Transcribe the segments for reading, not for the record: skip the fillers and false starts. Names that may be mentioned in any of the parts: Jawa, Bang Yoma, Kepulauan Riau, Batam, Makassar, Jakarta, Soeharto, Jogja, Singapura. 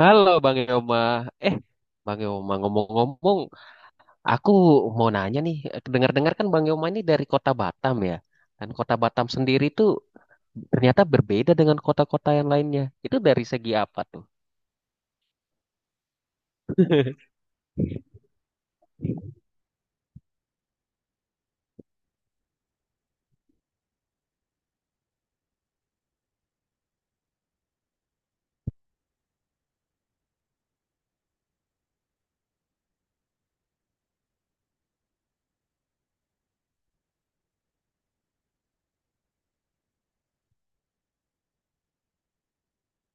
Halo Bang Yoma, eh Bang Yoma ngomong-ngomong, aku mau nanya nih, dengar-dengar kan Bang Yoma ini dari kota Batam ya, dan kota Batam sendiri tuh ternyata berbeda dengan kota-kota yang lainnya. Itu dari segi apa tuh?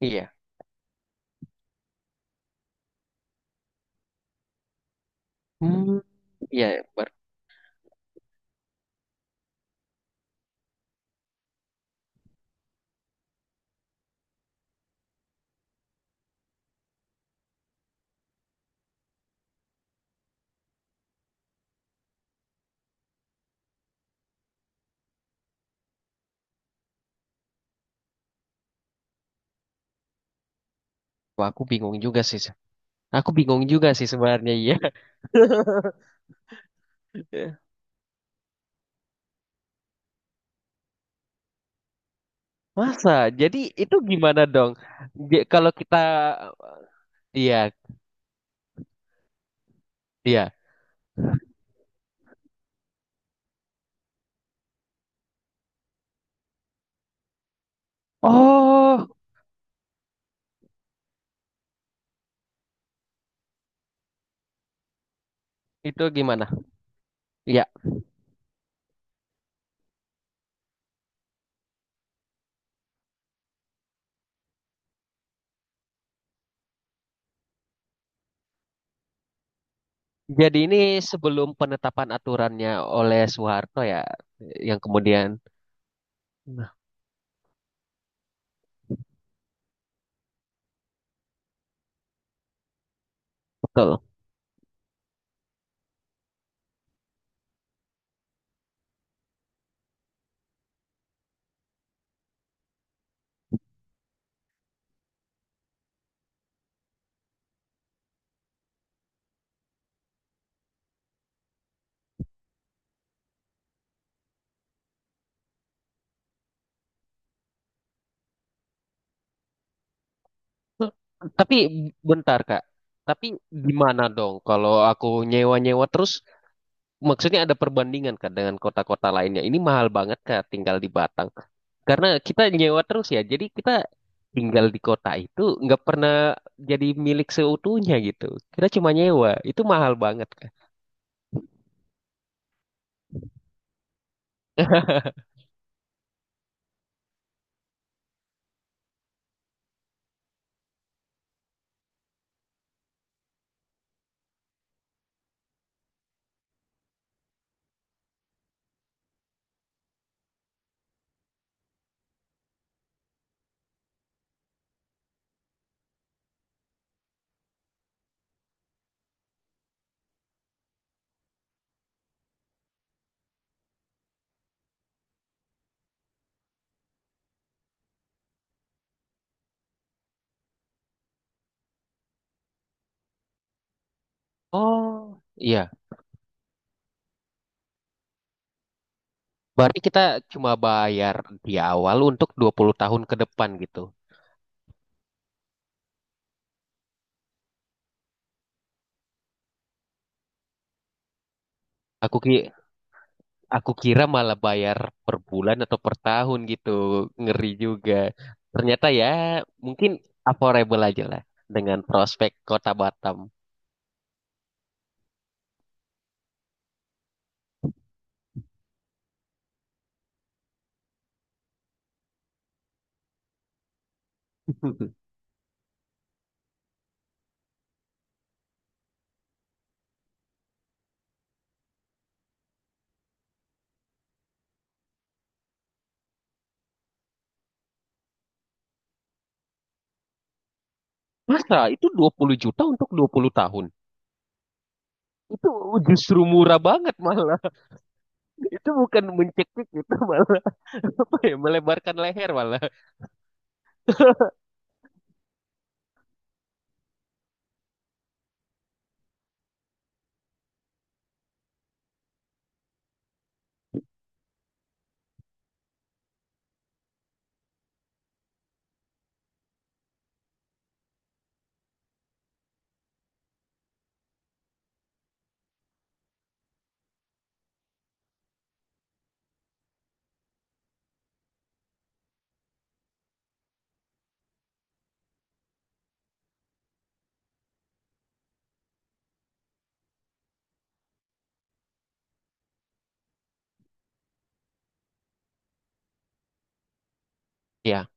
Iya, hmm, iya, ber- wah, aku bingung juga sih, aku bingung juga sih sebenarnya iya. Masa? Jadi itu gimana dong? Kalau kita, eh, iya, iya. Oh, itu gimana? Iya. Jadi ini sebelum penetapan aturannya oleh Soeharto ya, yang kemudian, nah, betul. Tapi bentar Kak, tapi gimana dong kalau aku nyewa-nyewa terus, maksudnya ada perbandingan Kak dengan kota-kota lainnya. Ini mahal banget Kak tinggal di Batang. Karena kita nyewa terus ya, jadi kita tinggal di kota itu nggak pernah jadi milik seutuhnya gitu. Kita cuma nyewa, itu mahal banget Kak. Oh, iya. Berarti kita cuma bayar di awal untuk 20 tahun ke depan gitu. Aku ki aku kira malah bayar per bulan atau per tahun gitu. Ngeri juga. Ternyata ya mungkin affordable aja lah dengan prospek Kota Batam. Masa itu 20 juta untuk 20 tahun? Itu justru murah banget malah. Itu bukan mencekik gitu malah, apa ya, melebarkan leher malah. Ya,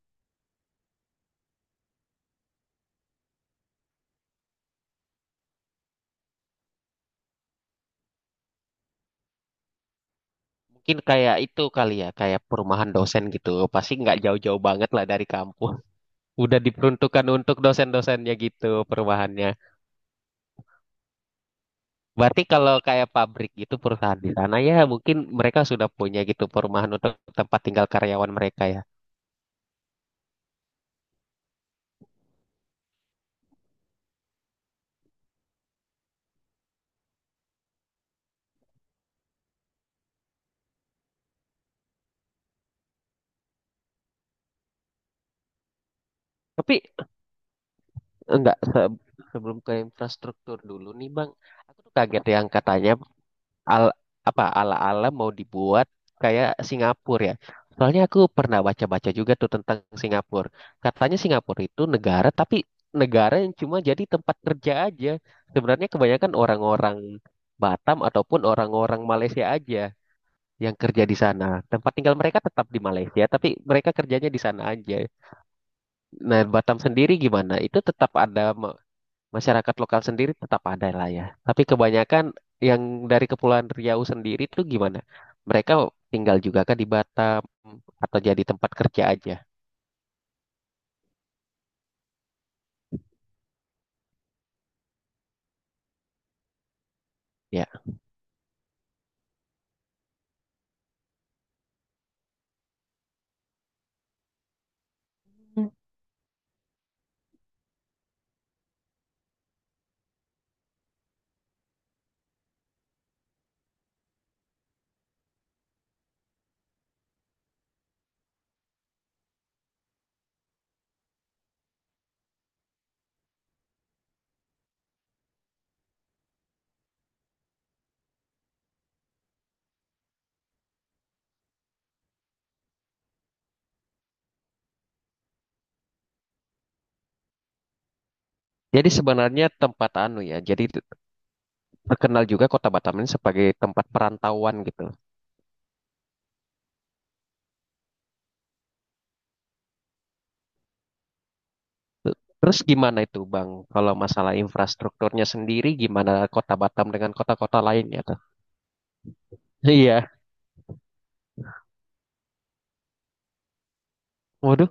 mungkin kayak itu kali ya, kayak perumahan dosen gitu. Pasti nggak jauh-jauh banget lah dari kampus. Udah diperuntukkan untuk dosen-dosennya gitu perumahannya. Berarti kalau kayak pabrik gitu perusahaan di sana ya mungkin mereka sudah punya gitu perumahan untuk tempat tinggal karyawan mereka ya. Tapi enggak sebelum ke infrastruktur dulu nih Bang. Aku tuh kaget yang katanya al apa ala-ala mau dibuat kayak Singapura ya. Soalnya aku pernah baca-baca juga tuh tentang Singapura. Katanya Singapura itu negara, tapi negara yang cuma jadi tempat kerja aja. Sebenarnya kebanyakan orang-orang Batam ataupun orang-orang Malaysia aja yang kerja di sana. Tempat tinggal mereka tetap di Malaysia, tapi mereka kerjanya di sana aja. Nah, Batam sendiri gimana? Itu tetap ada masyarakat lokal sendiri, tetap ada lah ya. Tapi kebanyakan yang dari Kepulauan Riau sendiri tuh gimana? Mereka tinggal juga kan di Batam atau jadi tempat kerja aja. Ya, jadi sebenarnya tempat anu ya, jadi terkenal juga Kota Batam ini sebagai tempat perantauan gitu. Terus gimana itu Bang, kalau masalah infrastrukturnya sendiri gimana Kota Batam dengan kota-kota lain ya tuh? Iya, waduh,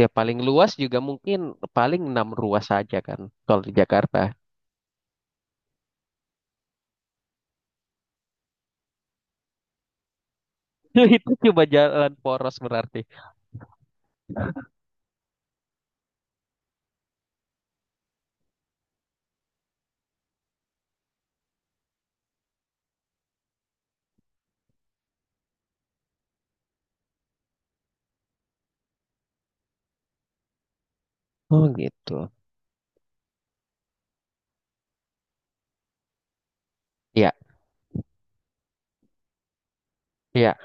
ya paling luas juga mungkin paling enam ruas saja kan kalau di Jakarta. Itu cuma jalan poros berarti. Oh gitu. Ya, ya.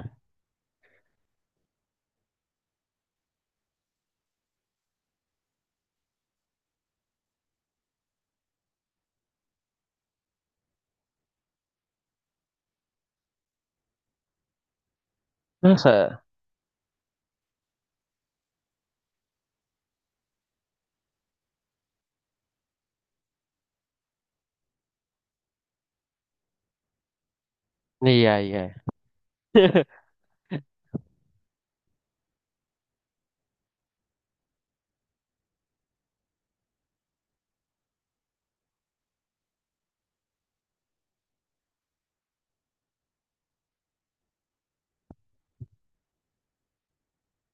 Masa? Iya, iya.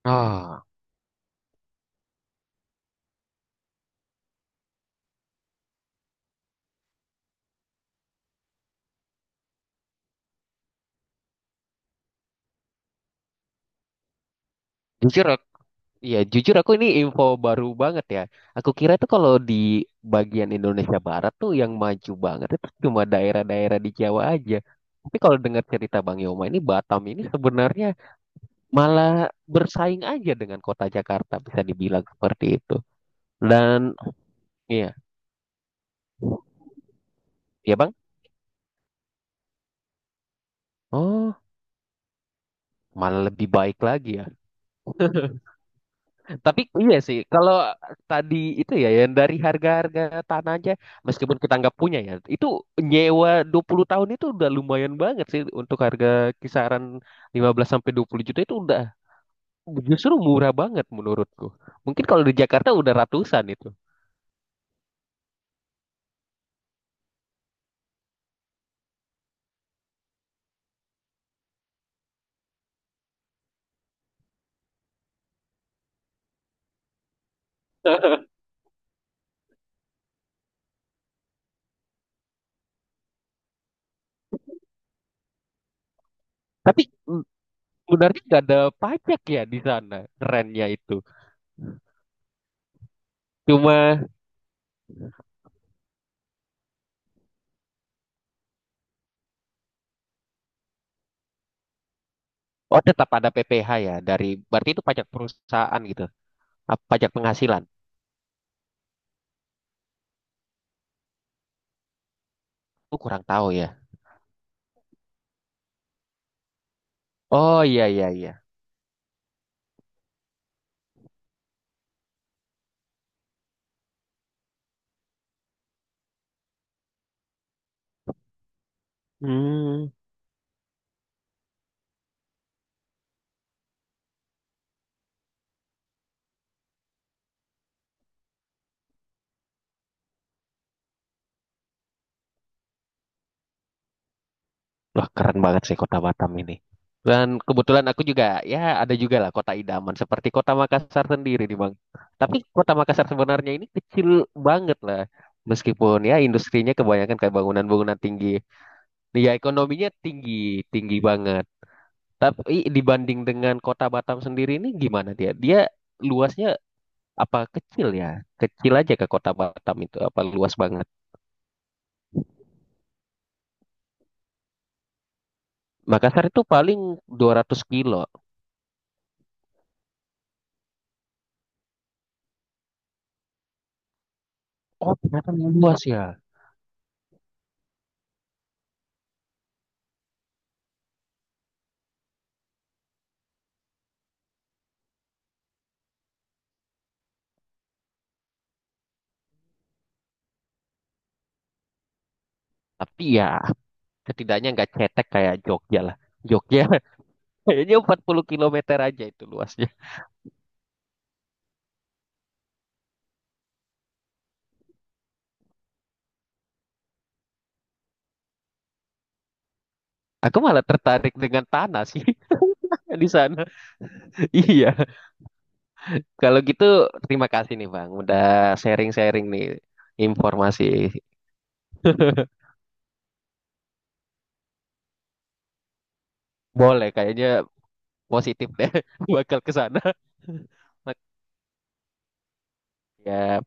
Ah, jujur, ak- ya jujur aku ini info baru banget ya. Aku kira itu kalau di bagian Indonesia Barat tuh yang maju banget itu cuma daerah-daerah di Jawa aja. Tapi kalau dengar cerita Bang Yoma ini Batam ini sebenarnya malah bersaing aja dengan kota Jakarta, bisa dibilang seperti itu. Dan iya, iya Bang. Oh, malah lebih baik lagi ya. Tapi iya sih, kalau tadi itu ya yang dari harga-harga tanah aja, meskipun kita nggak punya ya, itu nyewa 20 tahun itu udah lumayan banget sih untuk harga kisaran 15 sampai 20 juta itu udah justru murah banget menurutku. Mungkin kalau di Jakarta udah ratusan itu. Tapi mm, sebenarnya nggak ada pajak ya di sana, rennya itu. Cuma oh, tetap ada PPh ya, dari berarti itu pajak perusahaan gitu. Apa pajak penghasilan? Aku kurang tahu ya. Oh iya, iya, iya. Hmm, wah keren banget sih kota Batam ini. Dan kebetulan aku juga, ya ada juga lah kota idaman seperti kota Makassar sendiri nih Bang. Tapi kota Makassar sebenarnya ini kecil banget lah. Meskipun ya industrinya kebanyakan kayak bangunan-bangunan tinggi. Nih, ya ekonominya tinggi, tinggi banget. Tapi dibanding dengan kota Batam sendiri ini gimana dia? Dia luasnya apa kecil ya? Kecil aja ke kota Batam itu apa luas banget? Makassar itu paling 200 kilo. Oh, ternyata luas ya. Tapi ya setidaknya nggak cetek kayak Jogja lah. Jogja kayaknya 40 kilometer aja itu luasnya. Aku malah tertarik dengan tanah sih di sana. Iya. Kalau gitu terima kasih nih Bang. Udah sharing-sharing nih informasi. Boleh kayaknya, positif deh bakal ke sana. Ya